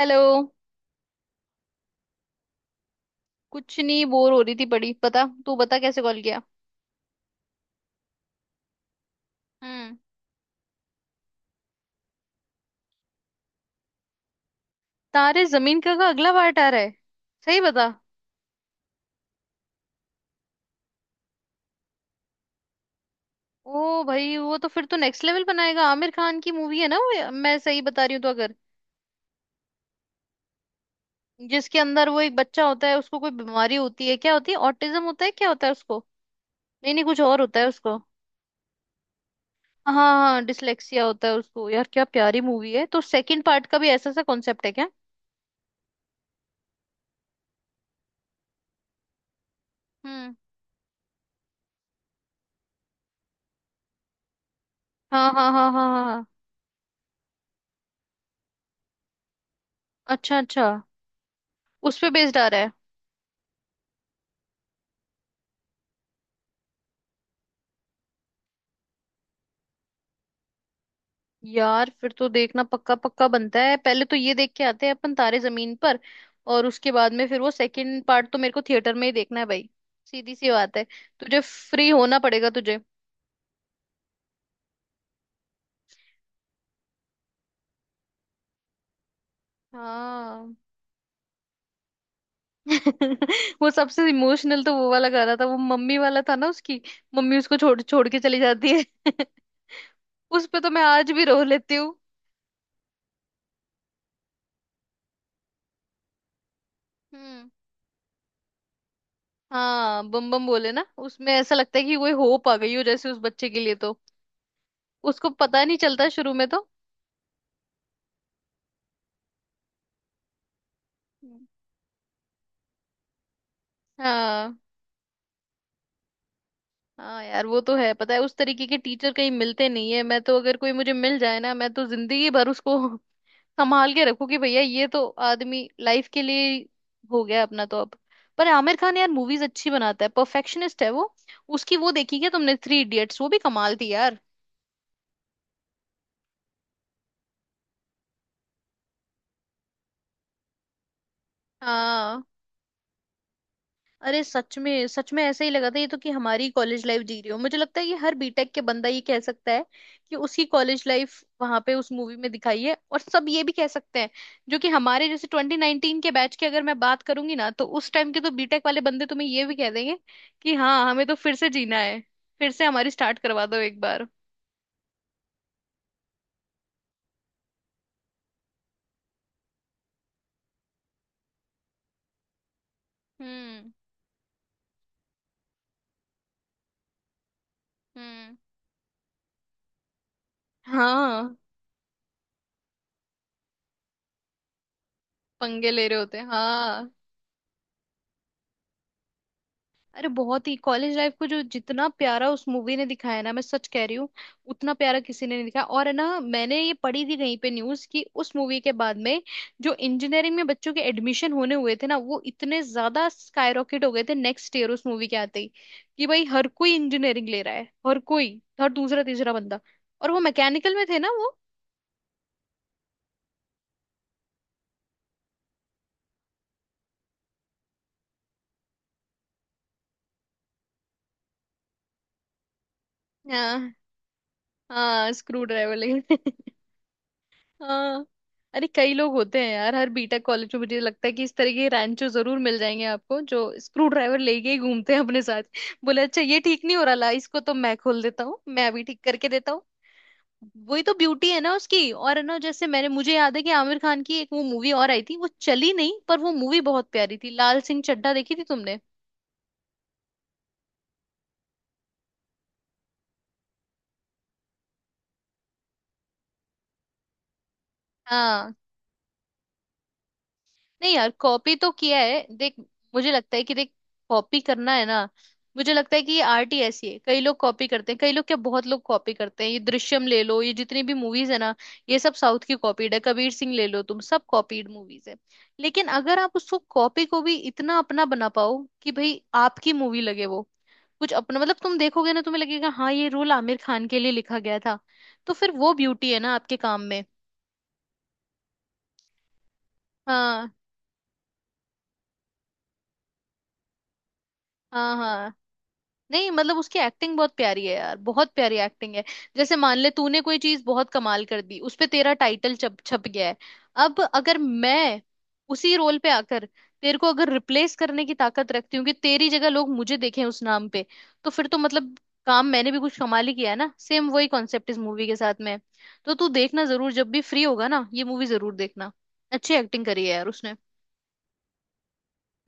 Hello. कुछ नहीं, bore हो रही थी बड़ी। पता, तू बता कैसे कॉल किया। हम्म। तारे जमीन का अगला पार्ट आ रहा है? सही बता। ओ भाई, वो तो फिर तो नेक्स्ट लेवल बनाएगा। आमिर खान की मूवी है ना वो? मैं सही बता रही हूँ तो? अगर जिसके अंदर वो एक बच्चा होता है, उसको कोई बीमारी होती है, क्या होती है? ऑटिज्म होता है, क्या होता है उसको? नहीं नहीं, कुछ और होता है उसको। हाँ। हाँ डिसलेक्सिया होता है उसको। यार क्या प्यारी मूवी है। तो सेकंड पार्ट का भी ऐसा सा कॉन्सेप्ट है क्या? हम्म। हाँ हाँ हाँ हाँ हाँ हाँ। अच्छा अच्छा। उस पे बेस्ड आ रहा है। यार फिर तो देखना पक्का पक्का बनता है। पहले तो ये देख के आते हैं अपन तारे जमीन पर। और उसके बाद में फिर वो सेकंड पार्ट तो मेरे को थिएटर में ही देखना है भाई। सीधी सी बात है। तुझे फ्री होना पड़ेगा तुझे। हाँ। वो सबसे इमोशनल तो वो वाला गाना था, वो मम्मी वाला था ना उसकी। मम्मी उसको छोड़ छोड़ के चली जाती है। उस पे तो मैं आज भी रो लेती हूँ। हम्म। हाँ बम बम बोले ना, उसमें ऐसा लगता है कि कोई होप आ गई हो जैसे उस बच्चे के लिए तो। उसको पता नहीं चलता शुरू में तो। हाँ। हाँ यार वो तो है। पता है उस तरीके के टीचर कहीं मिलते नहीं है। मैं तो अगर कोई मुझे मिल जाए ना, मैं तो जिंदगी भर उसको संभाल के रखूं। कि भैया ये तो आदमी लाइफ के लिए हो गया अपना तो अब। पर आमिर खान यार मूवीज अच्छी बनाता है, परफेक्शनिस्ट है वो। उसकी वो देखी क्या तुमने, थ्री इडियट्स? वो भी कमाल थी यार। हाँ। अरे सच में ऐसा ही लगा था ये तो, कि हमारी कॉलेज लाइफ जी रही हो। मुझे लगता है कि हर बीटेक के बंदा ये कह सकता है कि उसकी कॉलेज लाइफ वहां पे उस मूवी में दिखाई है। और सब ये भी कह सकते हैं, जो कि हमारे जैसे 2019 के बैच की अगर मैं बात करूंगी ना, तो उस टाइम के तो बीटेक वाले बंदे तुम्हें ये भी कह देंगे कि हाँ, हमें तो फिर से जीना है। फिर से हमारी स्टार्ट करवा दो एक बार। हम्म। हम्म। हाँ पंगे ले रहे होते हैं, हाँ। अरे बहुत ही कॉलेज लाइफ को जो जितना प्यारा उस मूवी ने दिखाया ना, मैं सच कह रही हूँ, उतना प्यारा किसी ने नहीं दिखाया। और है ना मैंने ये पढ़ी थी कहीं पे न्यूज़, कि उस मूवी के बाद में जो इंजीनियरिंग में बच्चों के एडमिशन होने हुए थे ना, वो इतने ज्यादा स्काईरॉकेट हो गए थे नेक्स्ट ईयर उस मूवी के आते ही। कि भाई हर कोई इंजीनियरिंग ले रहा है, हर कोई, हर दूसरा तीसरा बंदा। और वो मैकेनिकल में थे ना वो। हाँ। हाँ स्क्रू ड्राइवर लगे हाँ अरे कई लोग होते हैं यार, हर बीटेक कॉलेज में मुझे लगता है कि इस तरह के रैंचो जरूर मिल जाएंगे आपको, जो स्क्रू ड्राइवर लेके ही घूमते हैं अपने साथ। बोले अच्छा ये ठीक नहीं हो रहा, ला इसको तो मैं खोल देता हूँ, मैं अभी ठीक करके देता हूँ। वही तो ब्यूटी है ना उसकी। और है ना जैसे मैंने, मुझे याद है कि आमिर खान की एक वो मूवी और आई थी, वो चली नहीं पर वो मूवी बहुत प्यारी थी, लाल सिंह चड्ढा देखी थी तुमने? हाँ। नहीं यार कॉपी तो किया है देख, मुझे लगता है कि देख, कॉपी करना है ना। मुझे लगता है कि ये आर्ट ही ऐसी है, कई लोग कॉपी करते हैं, कई लोग क्या बहुत लोग कॉपी करते हैं। ये दृश्यम ले लो, ये जितनी भी मूवीज है ना, ये सब साउथ की कॉपीड है। कबीर सिंह ले लो, तुम सब कॉपीड मूवीज है। लेकिन अगर आप उसको कॉपी को भी इतना अपना बना पाओ कि भाई आपकी मूवी लगे वो, कुछ अपना, मतलब तुम देखोगे ना तुम्हें लगेगा हाँ ये रोल आमिर खान के लिए लिखा गया था, तो फिर वो ब्यूटी है ना आपके काम में। हाँ हाँ हाँ। नहीं मतलब उसकी एक्टिंग बहुत प्यारी है यार, बहुत प्यारी एक्टिंग है। जैसे मान ले तूने कोई चीज बहुत कमाल कर दी, उस पे तेरा टाइटल छप छप गया है। अब अगर मैं उसी रोल पे आकर तेरे को अगर रिप्लेस करने की ताकत रखती हूँ, कि तेरी जगह लोग मुझे देखें उस नाम पे, तो फिर तो मतलब काम मैंने भी कुछ कमाल ही किया है ना। सेम वही कॉन्सेप्ट इस मूवी के साथ में है। तो तू देखना जरूर, जब भी फ्री होगा ना ये मूवी जरूर देखना। अच्छी एक्टिंग करी है यार उसने।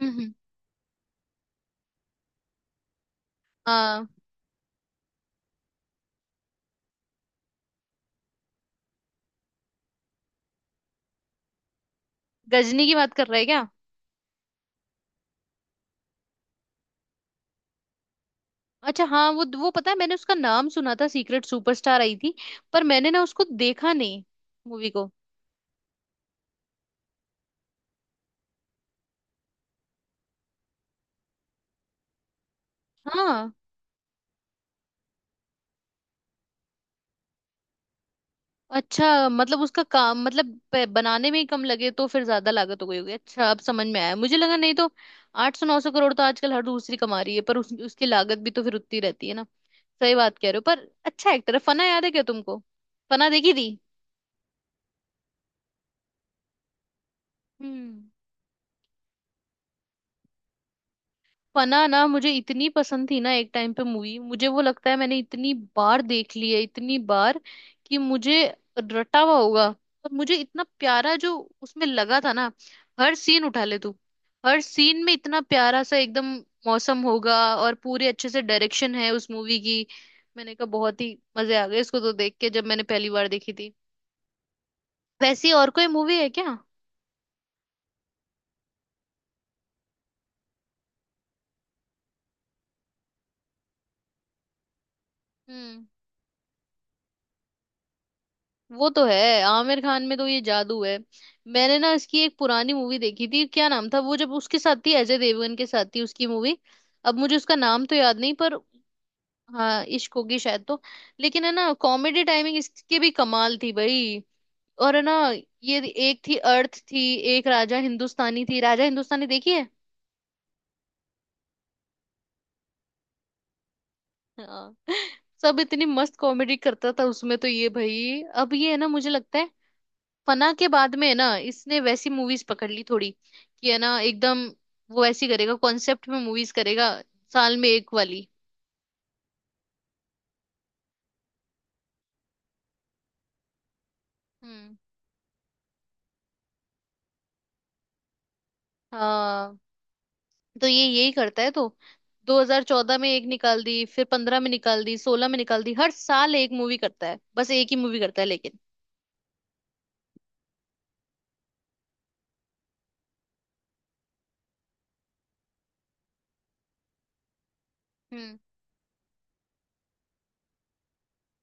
हम्म। हाँ गजनी की बात कर रहा है क्या? अच्छा हाँ वो पता है मैंने उसका नाम सुना था, सीक्रेट सुपरस्टार आई थी, पर मैंने ना उसको देखा नहीं मूवी को। हाँ। अच्छा मतलब उसका काम, मतलब बनाने में ही कम लगे तो फिर ज्यादा लागत हो गई होगी, अच्छा अब समझ में आया, मुझे लगा नहीं तो। 800 नौ सौ करोड़ तो आजकल हर दूसरी कमा रही है, पर उसकी लागत भी तो फिर उतनी रहती है ना। सही बात कह रहे हो पर। अच्छा एक्टर है। फना याद है क्या तुमको? फना देखी थी? हम्म। फना ना मुझे इतनी पसंद थी ना, एक टाइम पे मूवी मुझे, वो लगता है मैंने इतनी बार देख ली है, इतनी बार कि मुझे रटा हुआ होगा। पर मुझे इतना प्यारा जो उसमें लगा था ना, हर सीन उठा ले तू, हर सीन में इतना प्यारा सा एकदम मौसम होगा, और पूरे अच्छे से डायरेक्शन है उस मूवी की। मैंने कहा बहुत ही मजे आ गए इसको तो देख के, जब मैंने पहली बार देखी थी। वैसी और कोई मूवी है क्या? हम्म। वो तो है। आमिर खान में तो ये जादू है। मैंने ना इसकी एक पुरानी मूवी देखी थी, क्या नाम था वो, जब उसके साथ थी अजय देवगन के साथ थी उसकी मूवी, अब मुझे उसका नाम तो याद नहीं पर। हाँ इश्क होगी शायद तो। लेकिन है ना कॉमेडी टाइमिंग इसकी भी कमाल थी भाई। और है ना ये, एक थी अर्थ थी, एक राजा हिंदुस्तानी थी। राजा हिंदुस्तानी देखी है? हाँ। सब इतनी मस्त कॉमेडी करता था उसमें तो, ये भाई अब ये है ना मुझे लगता है फना के बाद में है ना, इसने वैसी मूवीज पकड़ ली थोड़ी, कि है ना एकदम वो ऐसी करेगा, कॉन्सेप्ट में मूवीज करेगा, साल में एक वाली। हम्म। हाँ तो ये यही करता है। तो 2014 में एक निकाल दी, फिर 15 में निकाल दी, 16 में निकाल दी, हर साल एक मूवी करता है, बस एक ही मूवी करता है, लेकिन। हम्म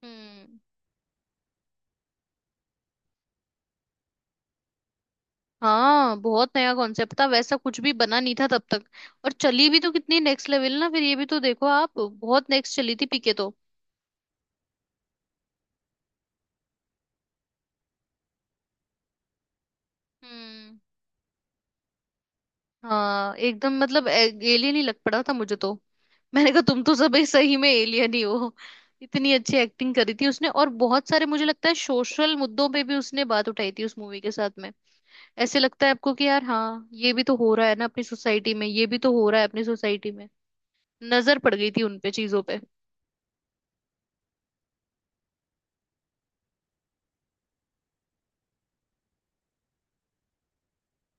हम्म। हाँ बहुत नया कॉन्सेप्ट था, वैसा कुछ भी बना नहीं था तब तक। और चली भी तो कितनी नेक्स्ट लेवल ना, फिर ये भी तो देखो आप, बहुत नेक्स्ट चली थी पीके तो। हम्म। हाँ एकदम, मतलब एलियन ही लग पड़ा था मुझे तो। मैंने कहा तुम तो सब एक सही में एलियन ही हो। इतनी अच्छी एक्टिंग करी थी उसने, और बहुत सारे मुझे लगता है सोशल मुद्दों पे भी उसने बात उठाई थी उस मूवी के साथ में। ऐसे लगता है आपको कि यार हाँ ये भी तो हो रहा है ना अपनी सोसाइटी में, ये भी तो हो रहा है अपनी सोसाइटी में, नजर पड़ गई थी उनपे चीजों पे।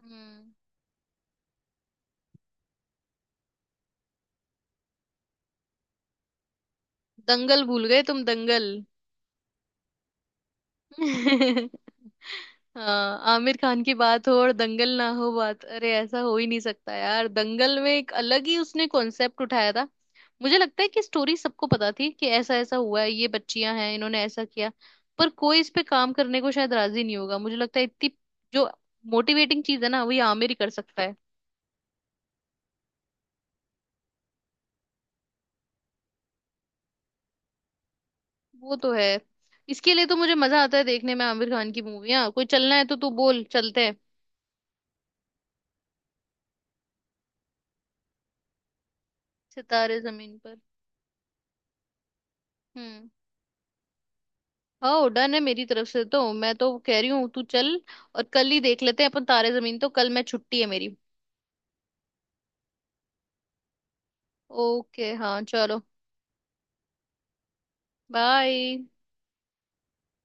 हम्म। दंगल भूल गए तुम, दंगल। हाँ आमिर खान की बात हो और दंगल ना हो बात, अरे ऐसा हो ही नहीं सकता यार। दंगल में एक अलग ही उसने कॉन्सेप्ट उठाया था। मुझे लगता है कि स्टोरी सबको पता थी कि ऐसा ऐसा हुआ है, ये बच्चियां हैं इन्होंने ऐसा किया, पर कोई इस पे काम करने को शायद राजी नहीं होगा। मुझे लगता है इतनी जो मोटिवेटिंग चीज है ना, वही आमिर ही कर सकता है। वो तो है। इसके लिए तो मुझे मजा आता है देखने में आमिर खान की मूवियां। कोई चलना है तो तू बोल, चलते हैं। सितारे जमीन पर। हम्म। हाँ डन है मेरी तरफ से तो, मैं तो कह रही हूँ तू चल। और कल ही देख लेते हैं अपन तारे जमीन, तो कल मैं छुट्टी है मेरी। ओके हाँ चलो। बाय।